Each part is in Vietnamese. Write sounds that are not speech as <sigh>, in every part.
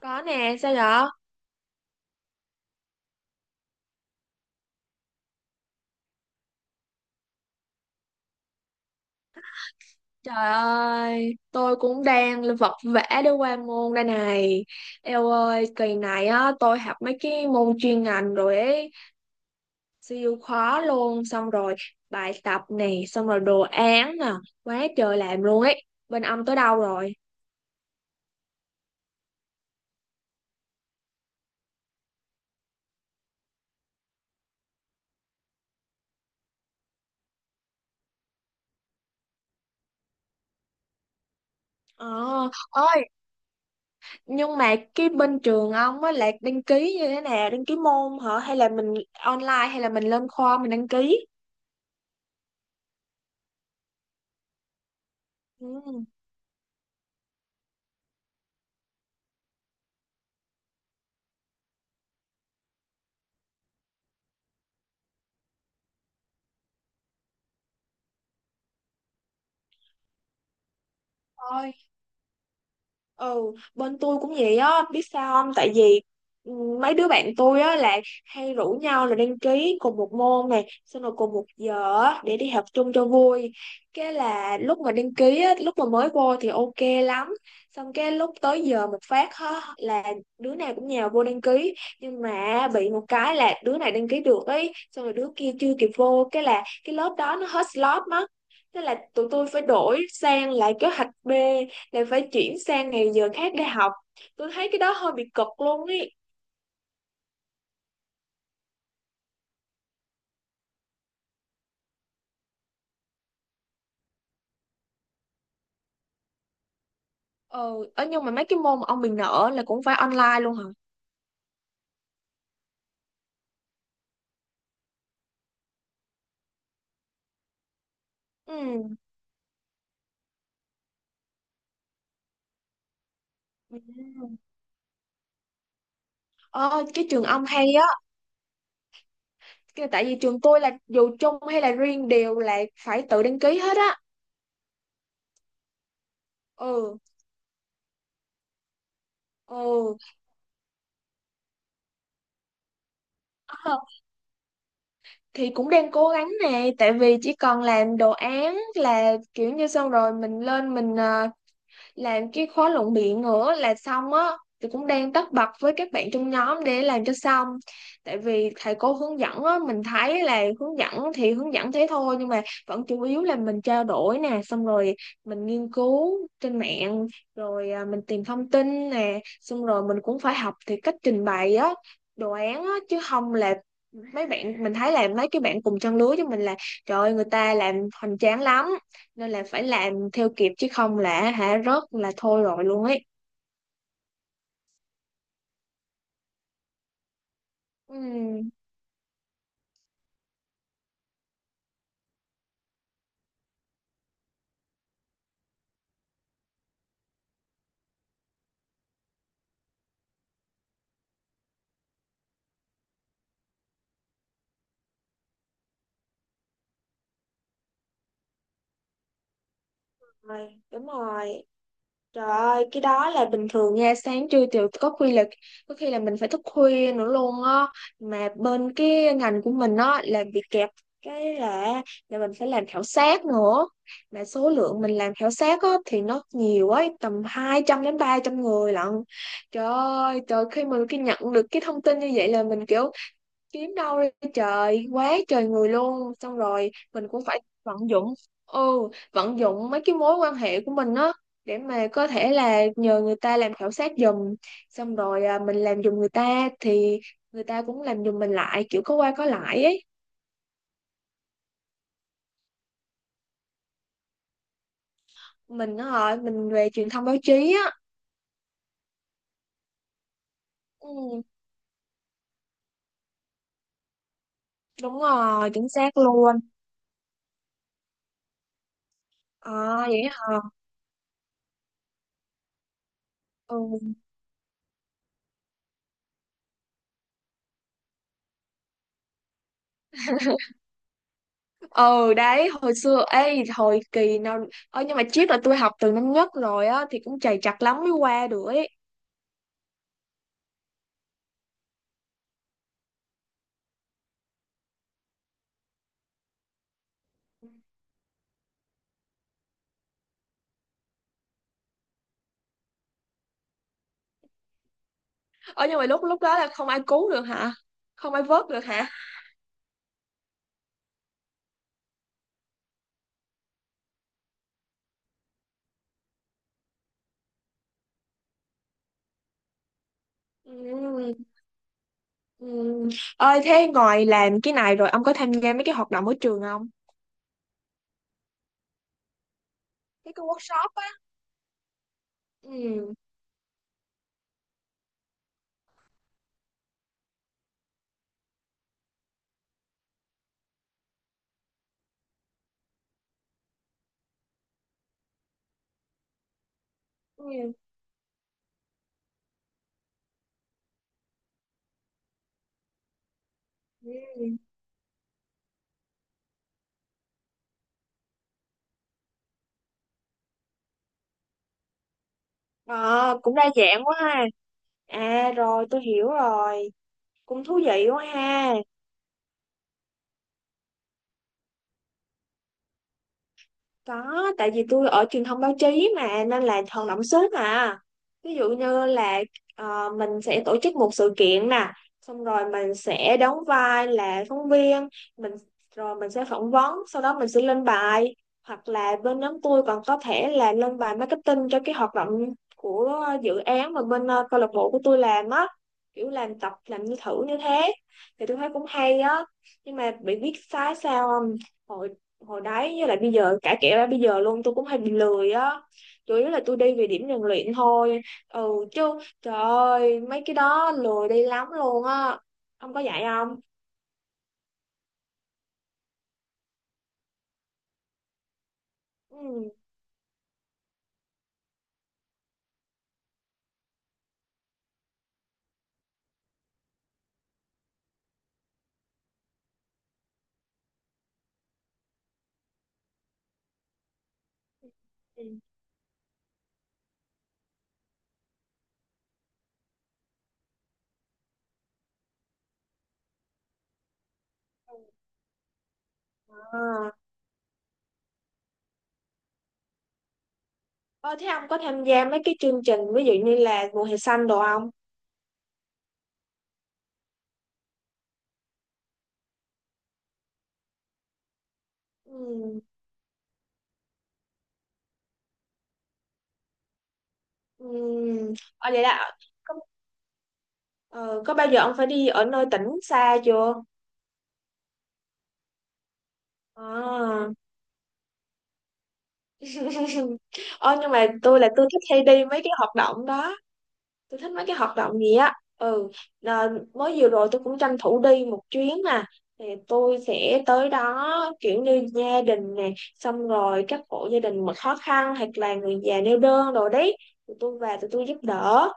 Có nè, sao vậy? Trời ơi, tôi cũng đang vật vã để qua môn đây này. Eo ơi, kỳ này á, tôi học mấy cái môn chuyên ngành rồi ấy, siêu khó luôn. Xong rồi bài tập này, xong rồi đồ án nè, quá trời làm luôn ấy. Bên ông tới đâu rồi? Ờ, ơi, nhưng mà cái bên trường ông á, là đăng ký như thế nào? Đăng ký môn hả? Hay là mình online, hay là mình lên khoa mình đăng ký? Ừ, thôi. Ừ, bên tôi cũng vậy á, biết sao không? Tại vì ừ, mấy đứa bạn tôi á là hay rủ nhau là đăng ký cùng một môn này, xong rồi cùng một giờ á, để đi học chung cho vui. Cái là lúc mà đăng ký á, lúc mà mới vô thì ok lắm. Xong cái lúc tới giờ một phát á, là đứa nào cũng nhào vô đăng ký. Nhưng mà bị một cái là đứa này đăng ký được ấy, xong rồi đứa kia chưa kịp vô. Cái là cái lớp đó nó hết slot mất. Thế là tụi tôi phải đổi sang lại kế hoạch B, lại phải chuyển sang ngày giờ khác để học. Tôi thấy cái đó hơi bị cực luôn ý. Ờ, nhưng mà mấy cái môn mà ông mình nợ là cũng phải online luôn hả? Ừ. Ừ. Ờ, cái trường ông hay á. Tại vì trường tôi là dù chung hay là riêng đều là phải tự đăng ký hết á. Ừ. Ừ. Ờ, thì cũng đang cố gắng nè, tại vì chỉ cần làm đồ án là kiểu như xong, rồi mình lên mình làm cái khóa luận biện nữa là xong á. Thì cũng đang tất bật với các bạn trong nhóm để làm cho xong. Tại vì thầy cô hướng dẫn á, mình thấy là hướng dẫn thì hướng dẫn thế thôi, nhưng mà vẫn chủ yếu là mình trao đổi nè, xong rồi mình nghiên cứu trên mạng rồi à, mình tìm thông tin nè, xong rồi mình cũng phải học thì cách trình bày á đồ án á, chứ không là mấy bạn mình thấy là mấy cái bạn cùng trang lứa với mình là trời ơi người ta làm hoành tráng lắm, nên là phải làm theo kịp chứ không là hả rớt là thôi rồi luôn ấy. Ừ. Rồi, đúng rồi. Trời ơi, cái đó là bình thường nha, sáng trưa chiều, có khi là mình phải thức khuya nữa luôn á. Mà bên cái ngành của mình á là bị kẹp, cái là mình phải làm khảo sát nữa, mà số lượng mình làm khảo sát á thì nó nhiều ấy, tầm 200 đến 300 người lận. Trời ơi trời, khi nhận được cái thông tin như vậy là mình kiểu kiếm đâu ra, trời quá trời người luôn. Xong rồi mình cũng phải vận dụng. Ừ. Vận dụng mấy cái mối quan hệ của mình á, để mà có thể là nhờ người ta làm khảo sát giùm, xong rồi à, mình làm giùm người ta thì người ta cũng làm giùm mình lại, kiểu có qua có lại ấy. Mình á hả, mình về truyền thông báo chí á. Ừ, đúng rồi, chính xác luôn. À vậy hả. Ừ. Ừ đấy, hồi xưa ấy hồi kỳ nào, ờ nhưng mà triết là tôi học từ năm nhất rồi á, thì cũng trầy trật lắm mới qua được ấy. Ờ nhưng mà lúc lúc đó là không ai cứu được hả? Không ai vớt được hả? Ừ, ừ. Ơi, thế ngoài làm cái này rồi ông có tham gia mấy cái hoạt động ở trường không? Mấy cái workshop á. Ừ. Ừ. Ừ. Ờ, cũng đa dạng quá ha. À rồi, tôi hiểu rồi, cũng thú vị quá ha. Có, tại vì tôi ở truyền thông báo chí mà nên là hoạt động sớm mà. Ví dụ như là mình sẽ tổ chức một sự kiện nè, xong rồi mình sẽ đóng vai là phóng viên, mình rồi mình sẽ phỏng vấn, sau đó mình sẽ lên bài, hoặc là bên nhóm tôi còn có thể là lên bài marketing cho cái hoạt động của dự án mà bên câu lạc bộ của tôi làm á, kiểu làm tập làm như thử như thế thì tôi thấy cũng hay á. Nhưng mà bị biết sai sao không? Hồi hồi đấy với lại bây giờ, cả kể ra bây giờ luôn, tôi cũng hay bị lười á, chủ yếu là tôi đi về điểm rèn luyện thôi. Ừ. Chứ trời ơi mấy cái đó lười đi lắm luôn á. Ông có dạy không? Ừ. Ừ. À. Ờ, thế ông có tham gia mấy cái chương trình ví dụ như là mùa hè xanh đồ không? Ừ. Ừ. Ờ, vậy là có, ờ, có bao giờ ông phải đi ở nơi tỉnh xa chưa? À. <laughs> Ờ, nhưng mà tôi là tôi thích hay đi mấy cái hoạt động đó, tôi thích mấy cái hoạt động gì á. Ừ, là mới vừa rồi tôi cũng tranh thủ đi một chuyến nè, thì tôi sẽ tới đó kiểu như gia đình nè, xong rồi các hộ gia đình mà khó khăn hoặc là người già neo đơn rồi đấy, tụi tôi về tụi tôi giúp đỡ.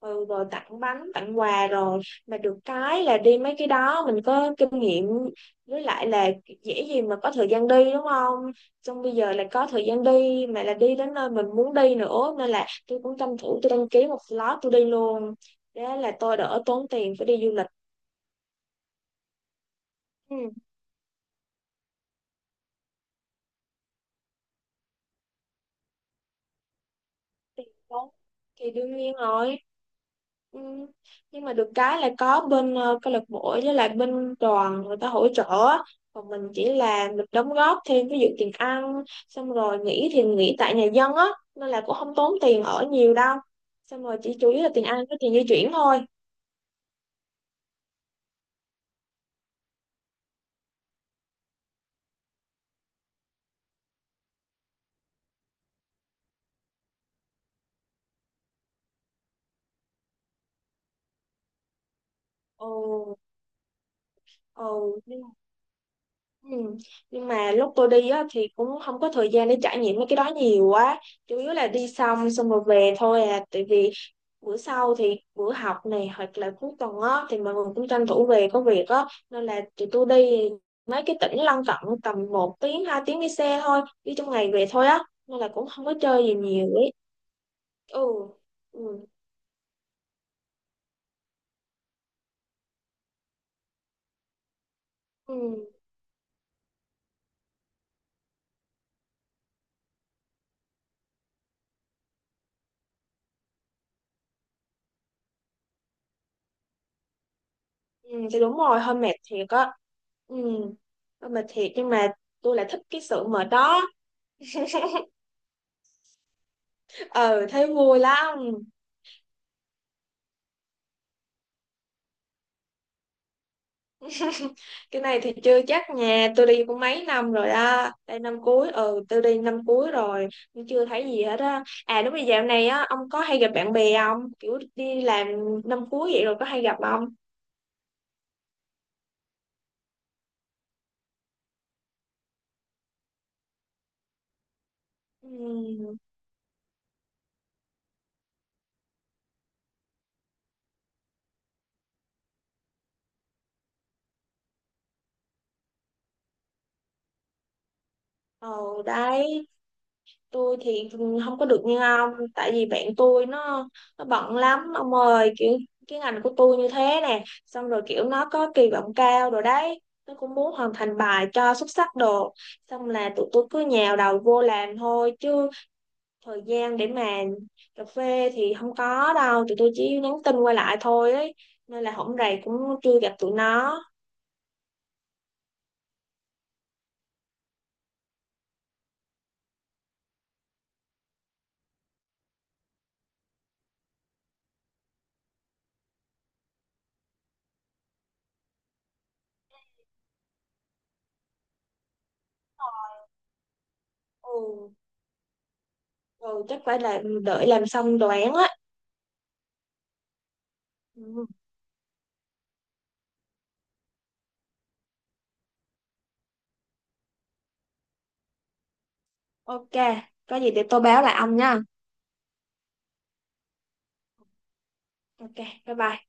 Ừ, rồi tặng bánh tặng quà rồi, mà được cái là đi mấy cái đó mình có kinh nghiệm. Với lại là dễ gì mà có thời gian đi đúng không, xong bây giờ là có thời gian đi mà là đi đến nơi mình muốn đi nữa, nên là tôi cũng tranh thủ tôi đăng ký một slot tôi đi luôn, thế là tôi đỡ tốn tiền phải đi du lịch. Ừ. Tiền tốn thì đương nhiên rồi. Ừ. Nhưng mà được cái là có bên câu lạc bộ với lại bên đoàn người ta hỗ trợ á. Còn mình chỉ là mình đóng góp thêm ví dụ tiền ăn, xong rồi nghỉ thì nghỉ tại nhà dân á, nên là cũng không tốn tiền ở nhiều đâu, xong rồi chỉ chủ yếu là tiền ăn với tiền di chuyển thôi. Ồ. Ồ. Ừ. Nhưng mà lúc tôi đi á, thì cũng không có thời gian để trải nghiệm mấy cái đó nhiều quá, chủ yếu là đi xong xong rồi về thôi à, tại vì bữa sau thì bữa học này hoặc là cuối tuần á thì mọi người cũng tranh thủ về có việc á, nên là tụi tôi đi mấy cái tỉnh lân cận tầm một tiếng 2 tiếng đi xe thôi, đi trong ngày về thôi á, nên là cũng không có chơi gì nhiều ấy. Ừ. Ừ. Ừ, ừ. Thì đúng rồi, hơi mệt thiệt á. Ừ hơi mệt thiệt, nhưng mà tôi lại thích cái sự mệt đó. Ờ thấy vui lắm. <laughs> Cái này thì chưa chắc, nhà tôi đi cũng mấy năm rồi á, đây năm cuối, ừ tôi đi năm cuối rồi, nhưng chưa thấy gì hết á. À đúng rồi, dạo này á ông có hay gặp bạn bè không, kiểu đi làm năm cuối vậy rồi có hay gặp không? Ừ. Ừ đấy, tôi thì không có được như ông, tại vì bạn tôi nó bận lắm ông ơi, kiểu cái ngành của tôi như thế nè, xong rồi kiểu nó có kỳ vọng cao rồi đấy, nó cũng muốn hoàn thành bài cho xuất sắc đồ, xong là tụi tôi cứ nhào đầu vô làm thôi, chứ thời gian để mà cà phê thì không có đâu, tụi tôi chỉ nhắn tin qua lại thôi ấy, nên là hổng rày cũng chưa gặp tụi nó. Ừ, rồi chắc phải là đợi làm xong đồ án á. Ừ. Ok, có gì để tôi báo lại ông nha. Ok, bye bye.